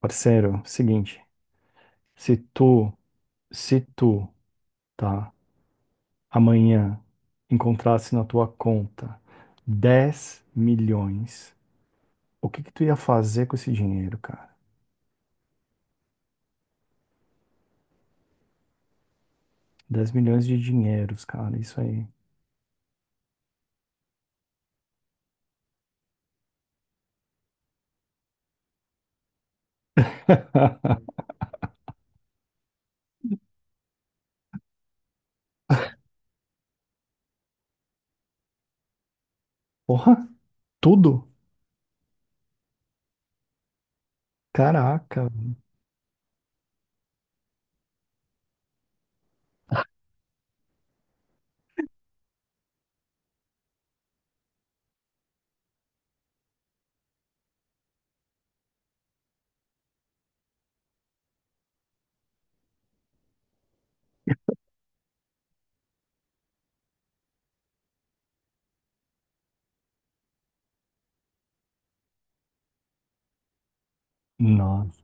Parceiro, seguinte, se tu, se tu, tá, amanhã encontrasse na tua conta 10 milhões, o que que tu ia fazer com esse dinheiro, cara? 10 milhões de dinheiros, cara, isso aí. Porra, tudo? Caraca. Nossa.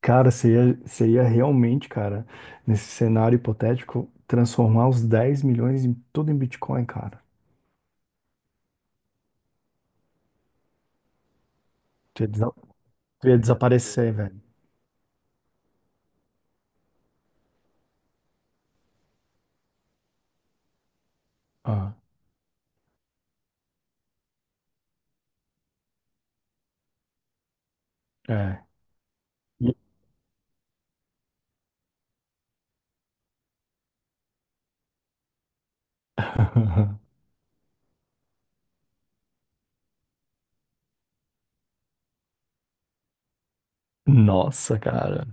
Cara, você ia realmente, cara, nesse cenário hipotético, transformar os 10 milhões em tudo em Bitcoin, cara. Tu ia, desa- tu ia desaparecer, velho. Ah, é. Nossa, cara.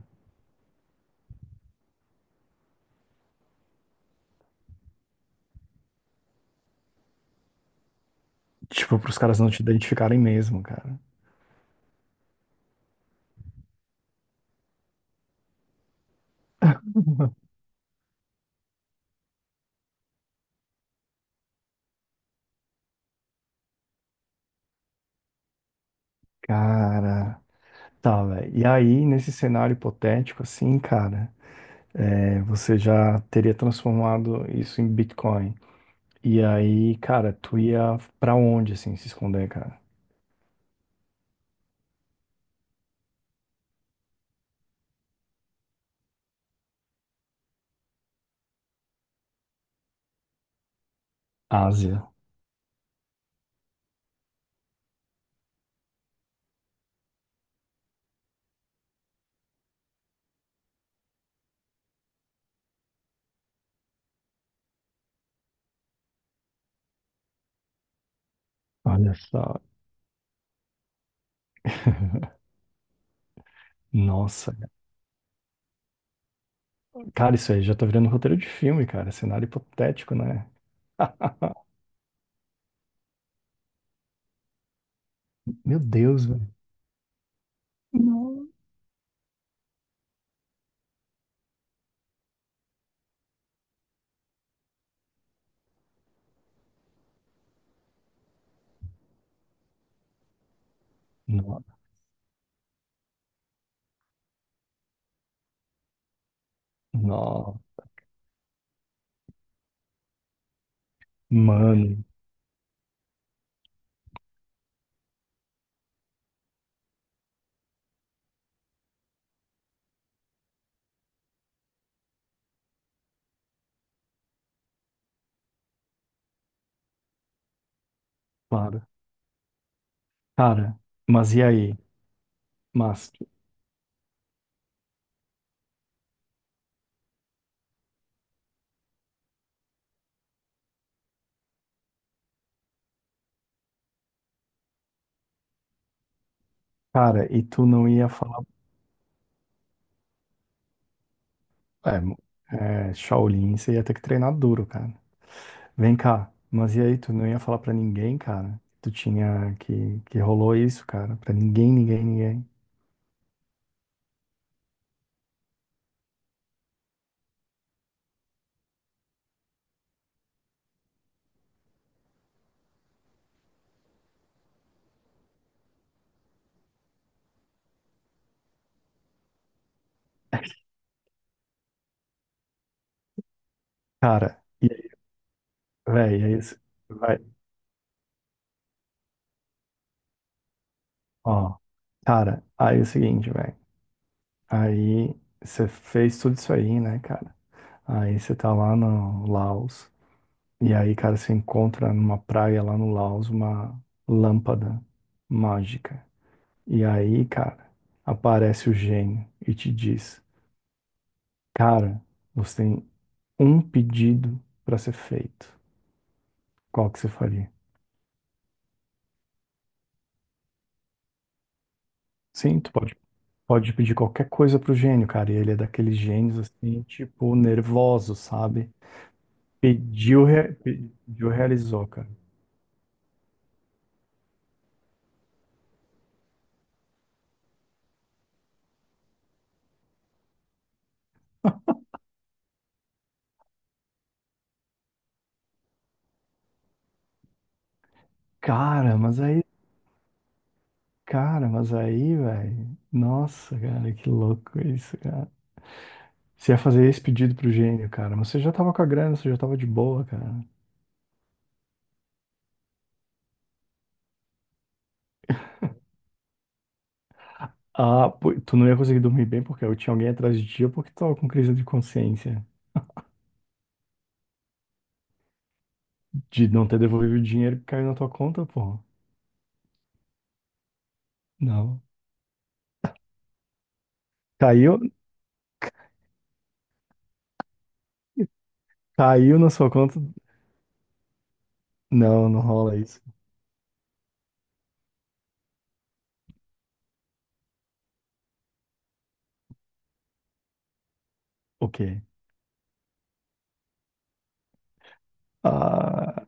Tipo, pros caras não te identificarem mesmo, cara. Cara. Tá, velho. E aí, nesse cenário hipotético, assim, cara, você já teria transformado isso em Bitcoin. E aí, cara, tu ia pra onde, assim, se esconder, cara? Ásia. Olha só. Nossa. Cara, isso aí já tá virando roteiro de filme, cara. Cenário hipotético, né? Meu Deus, velho. Não. Não. Não. Mano, para. Cara, mas e aí? Mas, cara, e tu não ia falar. É, mo- é, Shaolin, você ia ter que treinar duro, cara. Vem cá, mas e aí? Tu não ia falar pra ninguém, cara? Tu tinha que rolou isso, cara? Pra ninguém, ninguém, ninguém. Cara, e aí, véi, é isso. Vai, ó. Cara, aí é o seguinte, velho. Aí você fez tudo isso aí, né, cara? Aí você tá lá no Laos. E aí, cara, você encontra numa praia lá no Laos uma lâmpada mágica. E aí, cara, aparece o gênio e te diz: Cara, você tem um pedido para ser feito. Qual que você faria? Sim, tu pode pedir qualquer coisa pro gênio, cara. E ele é daqueles gênios assim, tipo, nervoso, sabe? Pediu, realizou, cara. Cara, mas aí, cara, velho. Nossa, cara, que louco isso, cara. Você ia fazer esse pedido pro gênio, cara. Mas você já tava com a grana, você já tava de boa, cara. Ah, pô, tu não ia conseguir dormir bem porque eu tinha alguém atrás de ti ou porque tu tava com crise de consciência de não ter devolvido o dinheiro que caiu na tua conta, pô. Não. Caiu, caiu na sua conta? Não, não rola isso. O quê? Ah,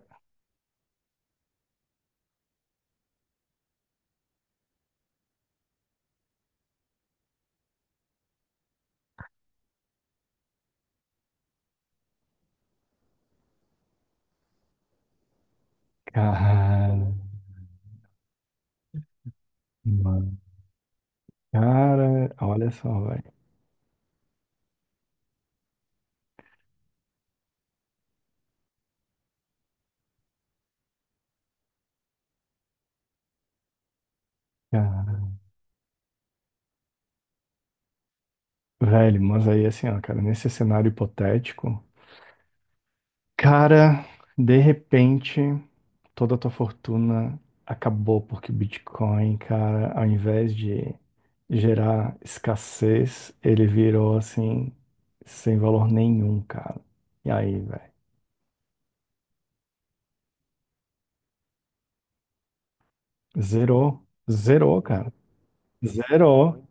cara, mano. Cara, olha só, velho. Cara, velho, mas aí assim, ó, cara, nesse cenário hipotético, cara, de repente. Toda a tua fortuna acabou porque o Bitcoin, cara, ao invés de gerar escassez, ele virou assim, sem valor nenhum, cara. E aí, velho? Zerou. Zerou, cara. Zerou.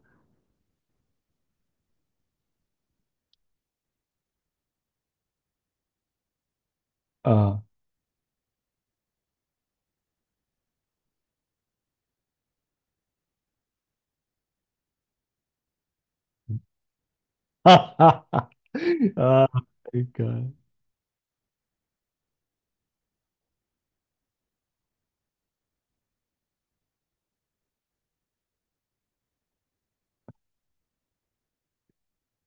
Ah. Ai, cara.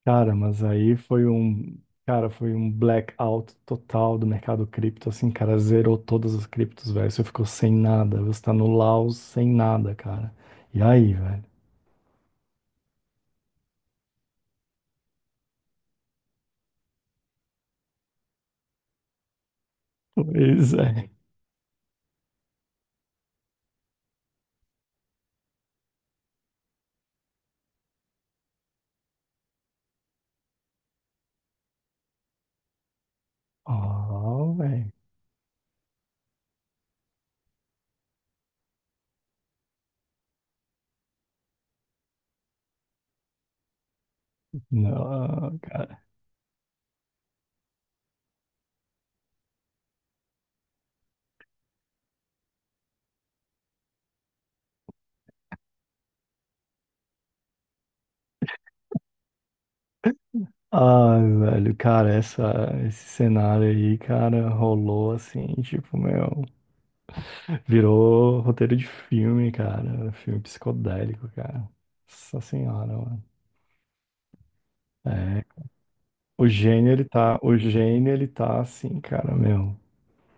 Cara, mas aí foi um, cara, foi um blackout total do mercado cripto, assim, cara, zerou todas as criptos, velho. Você ficou sem nada, você tá no Laos sem nada, cara. E aí, velho? Pois é. Oh, velho. Não, cara. Ah, velho, cara, esse cenário aí, cara, rolou assim, tipo, meu, virou roteiro de filme, cara, filme psicodélico, cara. Nossa senhora, mano. É, o gênio, ele tá assim, cara, meu.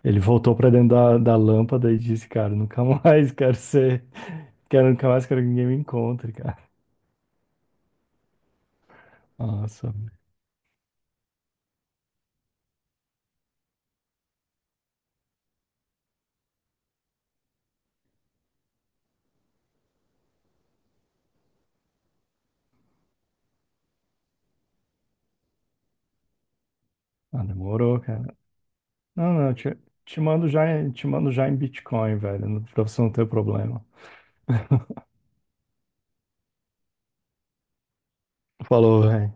Ele voltou pra dentro da lâmpada e disse, cara, nunca mais quero ser, quero nunca mais quero que ninguém me encontre, cara. Nossa, ah, demorou, cara. Não, não, te mando já, em Bitcoin, velho, pra você não ter problema. Falou, velho.